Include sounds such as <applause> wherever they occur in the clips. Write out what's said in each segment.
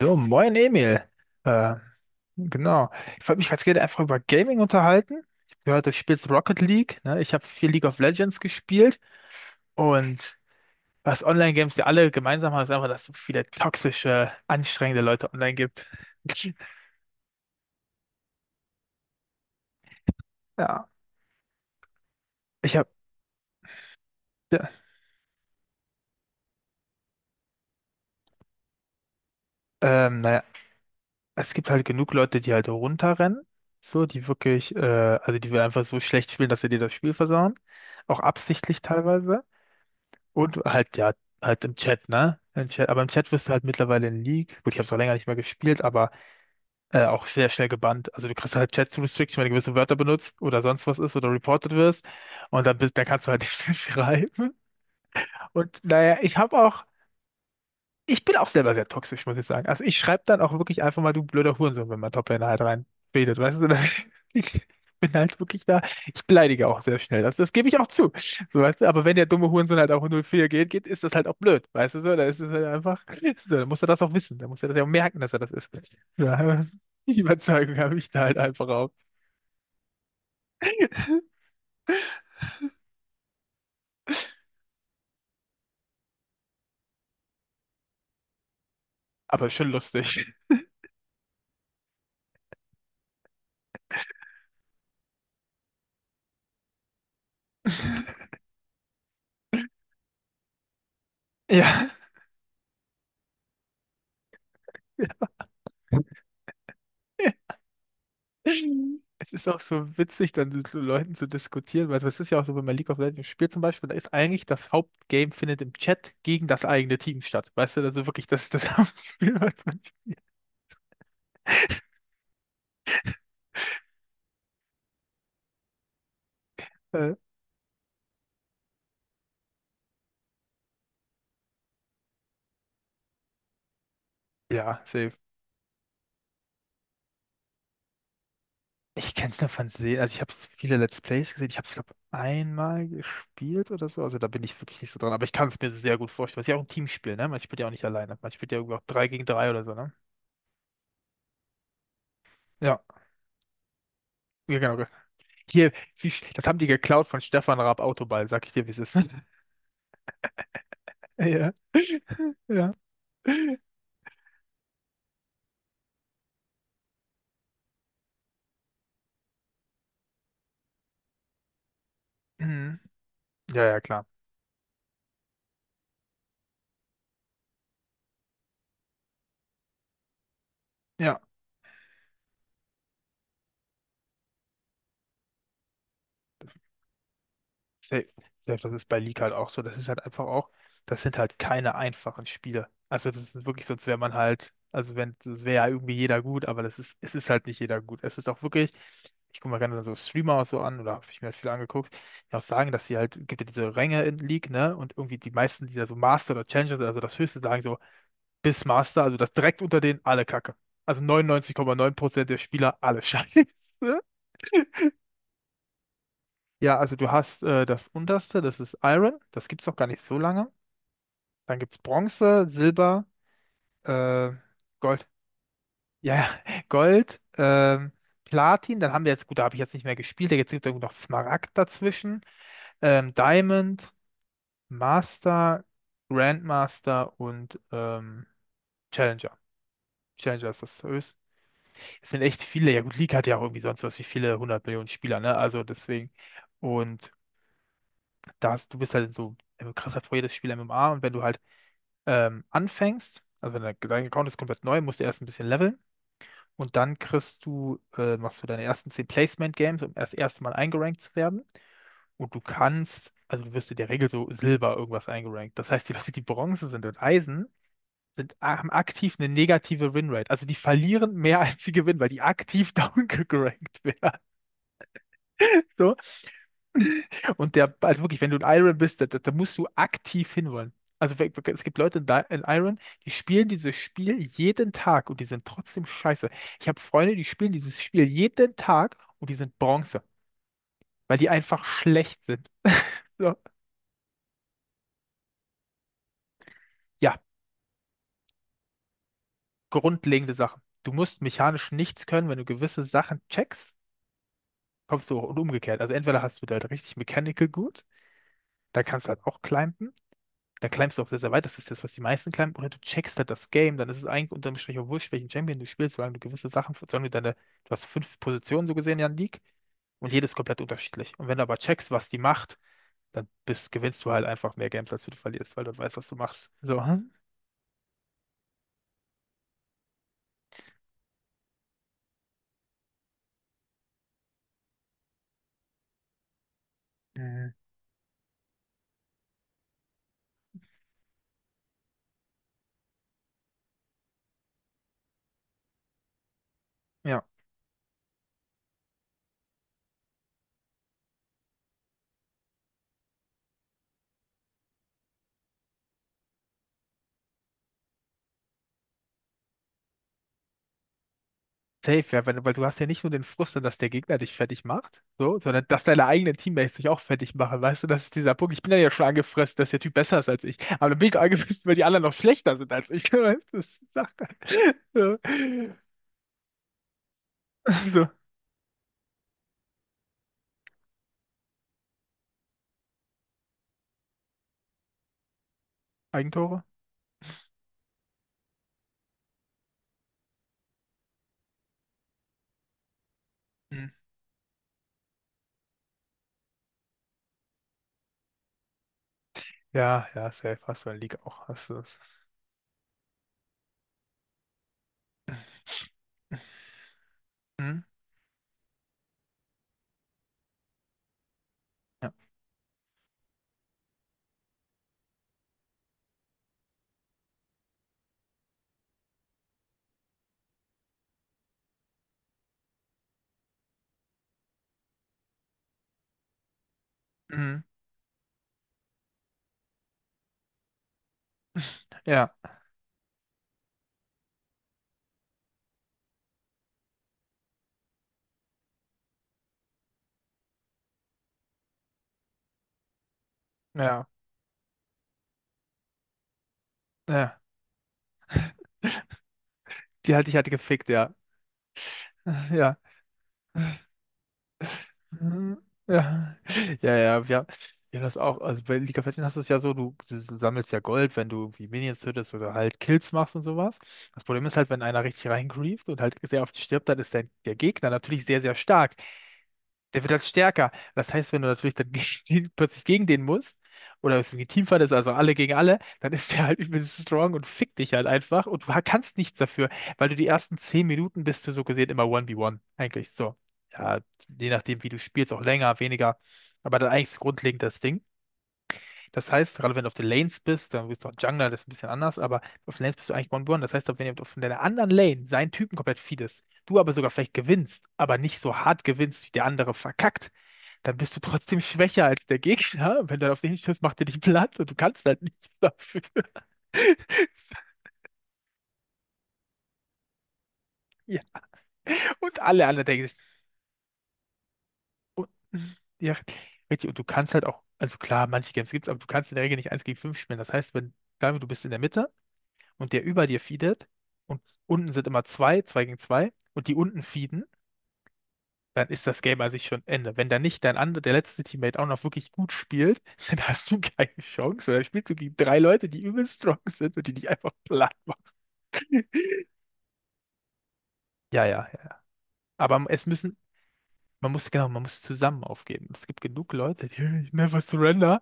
So, moin Emil. Äh, genau. Ich wollte mich ganz gerne einfach über Gaming unterhalten. Ich habe gehört, du spielst Rocket League. Ne? Ich habe viel League of Legends gespielt. Und was Online-Games ja alle gemeinsam haben, ist einfach, dass es so viele toxische, anstrengende Leute online gibt. <laughs> Ja. Ich habe, ja, naja, es gibt halt genug Leute, die halt runterrennen. So, die wirklich, also die wir einfach so schlecht spielen, dass sie dir das Spiel versauen. Auch absichtlich teilweise. Und halt, ja, halt im Chat, ne? Im Chat, aber im Chat wirst du halt mittlerweile in League. Gut, ich habe es auch länger nicht mehr gespielt, aber auch sehr schnell gebannt. Also du kriegst halt Chat-Restriction, wenn du gewisse Wörter benutzt oder sonst was ist oder reported wirst. Und dann bist, dann kannst du halt <laughs> nicht mehr schreiben. Und naja, ich bin auch selber sehr toxisch, muss ich sagen. Also ich schreibe dann auch wirklich einfach mal, du blöder Hurensohn, wenn mein Top-Liner halt reinredet, weißt du? <laughs> Ich bin halt wirklich da, ich beleidige auch sehr schnell, das gebe ich auch zu. So, weißt du? Aber wenn der dumme Hurensohn halt auch 0-4 geht, ist das halt auch blöd, weißt du so? Da ist es halt einfach, <laughs> so, dann muss er das auch wissen, dann muss er das ja auch merken, dass er das ist. Ja, <laughs> aber die Überzeugung habe ich da halt einfach auch. <laughs> Aber ist schon lustig. <laughs> Ja. Es ist auch so witzig, dann mit so Leuten zu diskutieren, weil es ist ja auch so, wenn man League of Legends spielt zum Beispiel, da ist eigentlich das Hauptgame findet im Chat gegen das eigene Team statt. Weißt du, also wirklich, das ist das <laughs> Hauptspiel, was man spielt. Ja, safe. Ich kenn's nur von Sehen, also ich habe viele Let's Plays gesehen, ich habe es, glaube einmal gespielt oder so, also da bin ich wirklich nicht so dran, aber ich kann es mir sehr gut vorstellen, weil es ist ja auch ein Teamspiel, ne? Man spielt ja auch nicht alleine, man spielt ja irgendwie auch 3 gegen 3 oder so, ne? Ja, ja, genau. Hier, das haben die geklaut von Stefan Raab Autoball, sag ich dir, wie es ist. <laughs> Ja. <laughs> Ja. Mhm. Ja, ja, klar. Ja, safe. Safe, das ist bei League halt auch so. Das ist halt einfach auch, das sind halt keine einfachen Spiele. Also das ist wirklich, sonst wäre man halt, also wenn, das wäre ja irgendwie jeder gut, aber das ist, es ist halt nicht jeder gut. Es ist auch wirklich, ich gucke mir gerne so Streamer auch so an, oder habe ich mir halt viel angeguckt, die auch sagen, dass sie halt, gibt ja diese Ränge in League, ne? Und irgendwie die meisten, die da so Master oder Challenger sind, also das Höchste sagen so, bis Master, also das direkt unter denen alle Kacke. Also 99,9% der Spieler alle <laughs> scheiße. Ja, also du hast das unterste, das ist Iron, das gibt's noch gar nicht so lange. Dann gibt's Bronze, Silber, äh, Gold. Ja, ja, <laughs> Gold, Platin, dann haben wir jetzt, gut, da habe ich jetzt nicht mehr gespielt, jetzt gibt es noch Smaragd dazwischen, Diamond, Master, Grandmaster und Challenger. Challenger ist das höchste. Es sind echt viele, ja gut, League hat ja auch irgendwie sonst was wie viele hundert Millionen Spieler, ne? Also deswegen. Und da hast, du bist halt so, du kriegst halt vor jedes Spiel MMA und wenn du halt anfängst, also wenn dein Account ist komplett neu, musst du erst ein bisschen leveln und dann kriegst du, machst du deine ersten 10 Placement Games, um erst das erste Mal eingerankt zu werden und du kannst, also du wirst in der Regel so Silber irgendwas eingerankt. Das heißt, die Leute, die Bronze sind und Eisen, sind, haben aktiv eine negative Winrate. Also die verlieren mehr <laughs> als sie gewinnen, weil die aktiv <laughs> downgerankt werden. So, und der, also wirklich, wenn du ein Iron bist, da musst du aktiv hinwollen. Also es gibt Leute in in Iron, die spielen dieses Spiel jeden Tag und die sind trotzdem scheiße. Ich habe Freunde, die spielen dieses Spiel jeden Tag und die sind Bronze, weil die einfach schlecht sind. <laughs> So. Ja, grundlegende Sachen. Du musst mechanisch nichts können, wenn du gewisse Sachen checkst, kommst du hoch und umgekehrt. Also entweder hast du da halt richtig Mechanical gut, da kannst du halt auch climben, da climbst du auch sehr, sehr weit. Das ist das, was die meisten climben. Oder du checkst halt das Game. Dann ist es eigentlich unterm Strich auch wurscht, welchen Champion du spielst, solange du gewisse Sachen, solange du deine, du hast fünf Positionen so gesehen ja in der League und jedes komplett unterschiedlich. Und wenn du aber checkst, was die macht, dann bist, gewinnst du halt einfach mehr Games, als du verlierst, weil du weißt, was du machst. So. Hm? Mhm. Ja. Safe, ja, weil, weil du hast ja nicht nur den Frust, dass der Gegner dich fertig macht, so, sondern dass deine eigenen Teammates dich auch fertig machen, weißt du, das ist dieser Punkt. Ich bin ja jetzt schon angefressen, dass der Typ besser ist als ich, aber dann bin ich doch angefressen, weil die anderen noch schlechter sind als ich, <laughs> weißt du, das ist Sache. So, so. Eigentore? Hm. Ja, ja, safe, hast du in der Liga auch, hast du das. Hm? Ja, Hm. Ja, ja, ja, die hat dich halt gefickt, ja, ja. Hm, ja, ja, ja, wir haben das auch. Also bei League of Legends hast du es ja so, du sammelst ja Gold, wenn du irgendwie Minions tötest oder halt Kills machst und sowas. Das Problem ist halt, wenn einer richtig reingrieft und halt sehr oft stirbt, dann ist der, der Gegner natürlich sehr, sehr stark. Der wird halt stärker. Das heißt, wenn du natürlich dann gegen den, <laughs> plötzlich gegen den musst, oder es irgendwie Teamfight ist, also alle gegen alle, dann ist der halt übelst strong und fickt dich halt einfach und du kannst nichts dafür, weil du die ersten 10 Minuten bist du so gesehen immer 1v1 eigentlich. So, ja, je nachdem, wie du spielst, auch länger, weniger. Aber dann eigentlich ist grundlegend das Ding. Das heißt, gerade wenn du auf den Lanes bist, dann bist du auch Jungler, das ist ein bisschen anders, aber auf den Lanes bist du eigentlich One-Burn. Das heißt, wenn jemand auf deiner anderen Lane seinen Typen komplett feedest, du aber sogar vielleicht gewinnst, aber nicht so hart gewinnst, wie der andere verkackt, dann bist du trotzdem schwächer als der Gegner. <laughs> Wenn du auf den stößt, macht er dich platt und du kannst halt nichts dafür. <laughs> Ja. Und alle anderen denken sich, oh, ja, richtig, und du kannst halt auch, also klar, manche Games gibt's, aber du kannst in der Regel nicht eins gegen 5 spielen. Das heißt, wenn, sagen wir, du bist in der Mitte, und der über dir feedet und unten sind immer zwei, zwei gegen zwei und die unten feeden, dann ist das Game an sich schon Ende. Wenn da nicht dein anderer, der letzte Teammate auch noch wirklich gut spielt, <laughs> dann hast du keine Chance. Weil dann spielst du gegen drei Leute, die übel strong sind und die dich einfach <laughs> platt machen. Ja, ja, ja. Aber es müssen, man muss, genau, man muss zusammen aufgeben. Es gibt genug Leute, die <laughs> never surrender,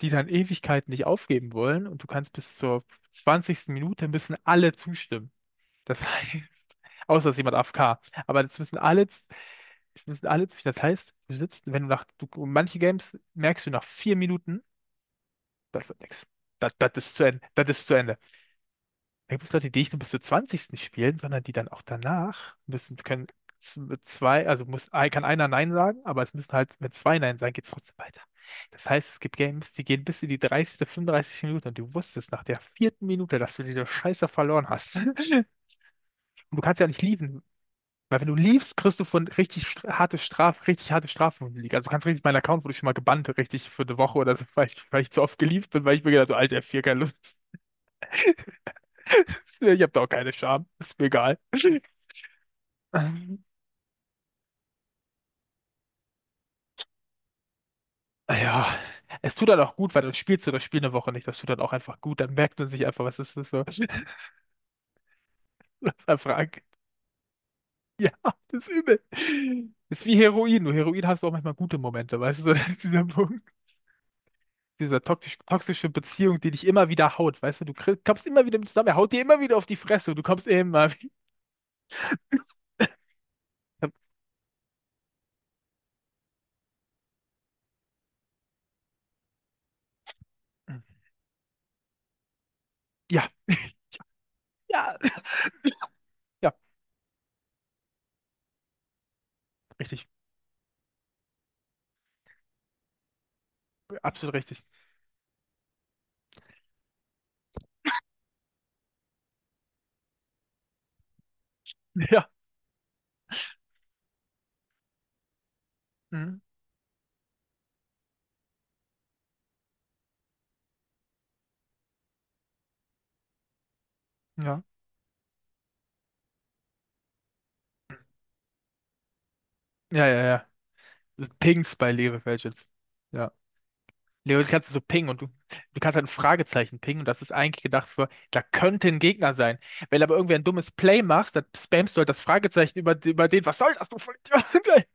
die dann Ewigkeiten nicht aufgeben wollen und du kannst bis zur 20. Minute müssen alle zustimmen. Das heißt, <laughs> außer es ist jemand AFK. Aber das müssen alle, es müssen alle, das heißt, du sitzt, wenn du nach, du, manche Games merkst du nach 4 Minuten, das wird nix. Das, das ist zu Ende, das ist zu Ende. Da gibt es Leute, die nicht nur bis zur 20. spielen, sondern die dann auch danach müssen, können zwei, also muss, kann einer Nein sagen, aber es müssen halt, wenn zwei Nein sagen, geht es trotzdem weiter. Das heißt, es gibt Games, die gehen bis in die 30., 35. Minute und du wusstest nach der vierten Minute, dass du diese Scheiße verloren hast. <laughs> Und du kannst ja nicht leaven. Weil wenn du liebst, kriegst du von richtig harte Strafen von der Liga. Also du kannst richtig, mein Account wurde schon mal gebannt, richtig für eine Woche oder so, weil ich zu oft geliebt bin, weil ich mir gedacht habe, so, Alter, F4, keine Lust. <laughs> Ich habe da auch keine Scham. Ist mir egal. Ähm, Ja, es tut dann auch gut, weil dann spielst du das Spiel eine Woche nicht. Das tut dann auch einfach gut. Dann merkt man sich einfach, was ist das so? <laughs> Was einfach angeht. Ja, das ist übel. Das ist wie Heroin. Nur Heroin hast du auch manchmal gute Momente, weißt du, <laughs> so, das ist dieser Punkt. Dieser toxische Beziehung, die dich immer wieder haut, weißt du, du kommst immer wieder mit zusammen, er haut dir immer wieder auf die Fresse und du kommst immer wieder. <laughs> Ja, ja, ja, richtig, absolut richtig. Ja, mhm. Ja, ja, ja, ja. Pings bei League of Legends. Ja. League kannst du kannst so pingen und du kannst halt ein Fragezeichen pingen und das ist eigentlich gedacht für, da könnte ein Gegner sein. Wenn aber irgendwer ein dummes Play machst, dann spammst du halt das Fragezeichen über, über den, was soll das, du Vollidiot?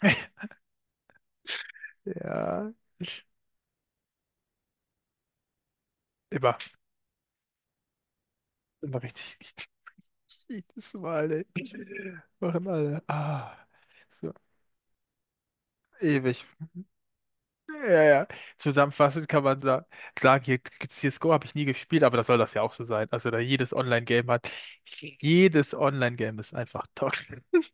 <laughs> Ja, immer, immer richtig. Jedes Mal, ey. Machen alle. Ah, so ewig. Ja, ja. Zusammenfassend kann man sagen, klar, hier- CS:GO habe ich nie gespielt, aber das soll das ja auch so sein. Also da jedes Online-Game hat, jedes Online-Game ist einfach toxisch. <laughs>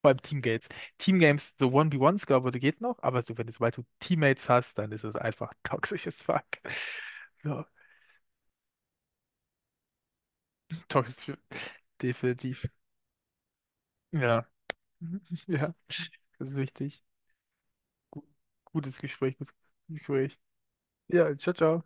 Vor allem Teamgames. Teamgames, so 1 v 1 glaube ich, geht noch, aber so, wenn du, sobald du Teammates hast, dann ist es einfach <laughs> toxisches Fuck. So, toxisch, definitiv. Ja, <laughs> ja, das ist wichtig. Gu- Gutes Gespräch, gutes Gespräch. Ja, ciao, ciao.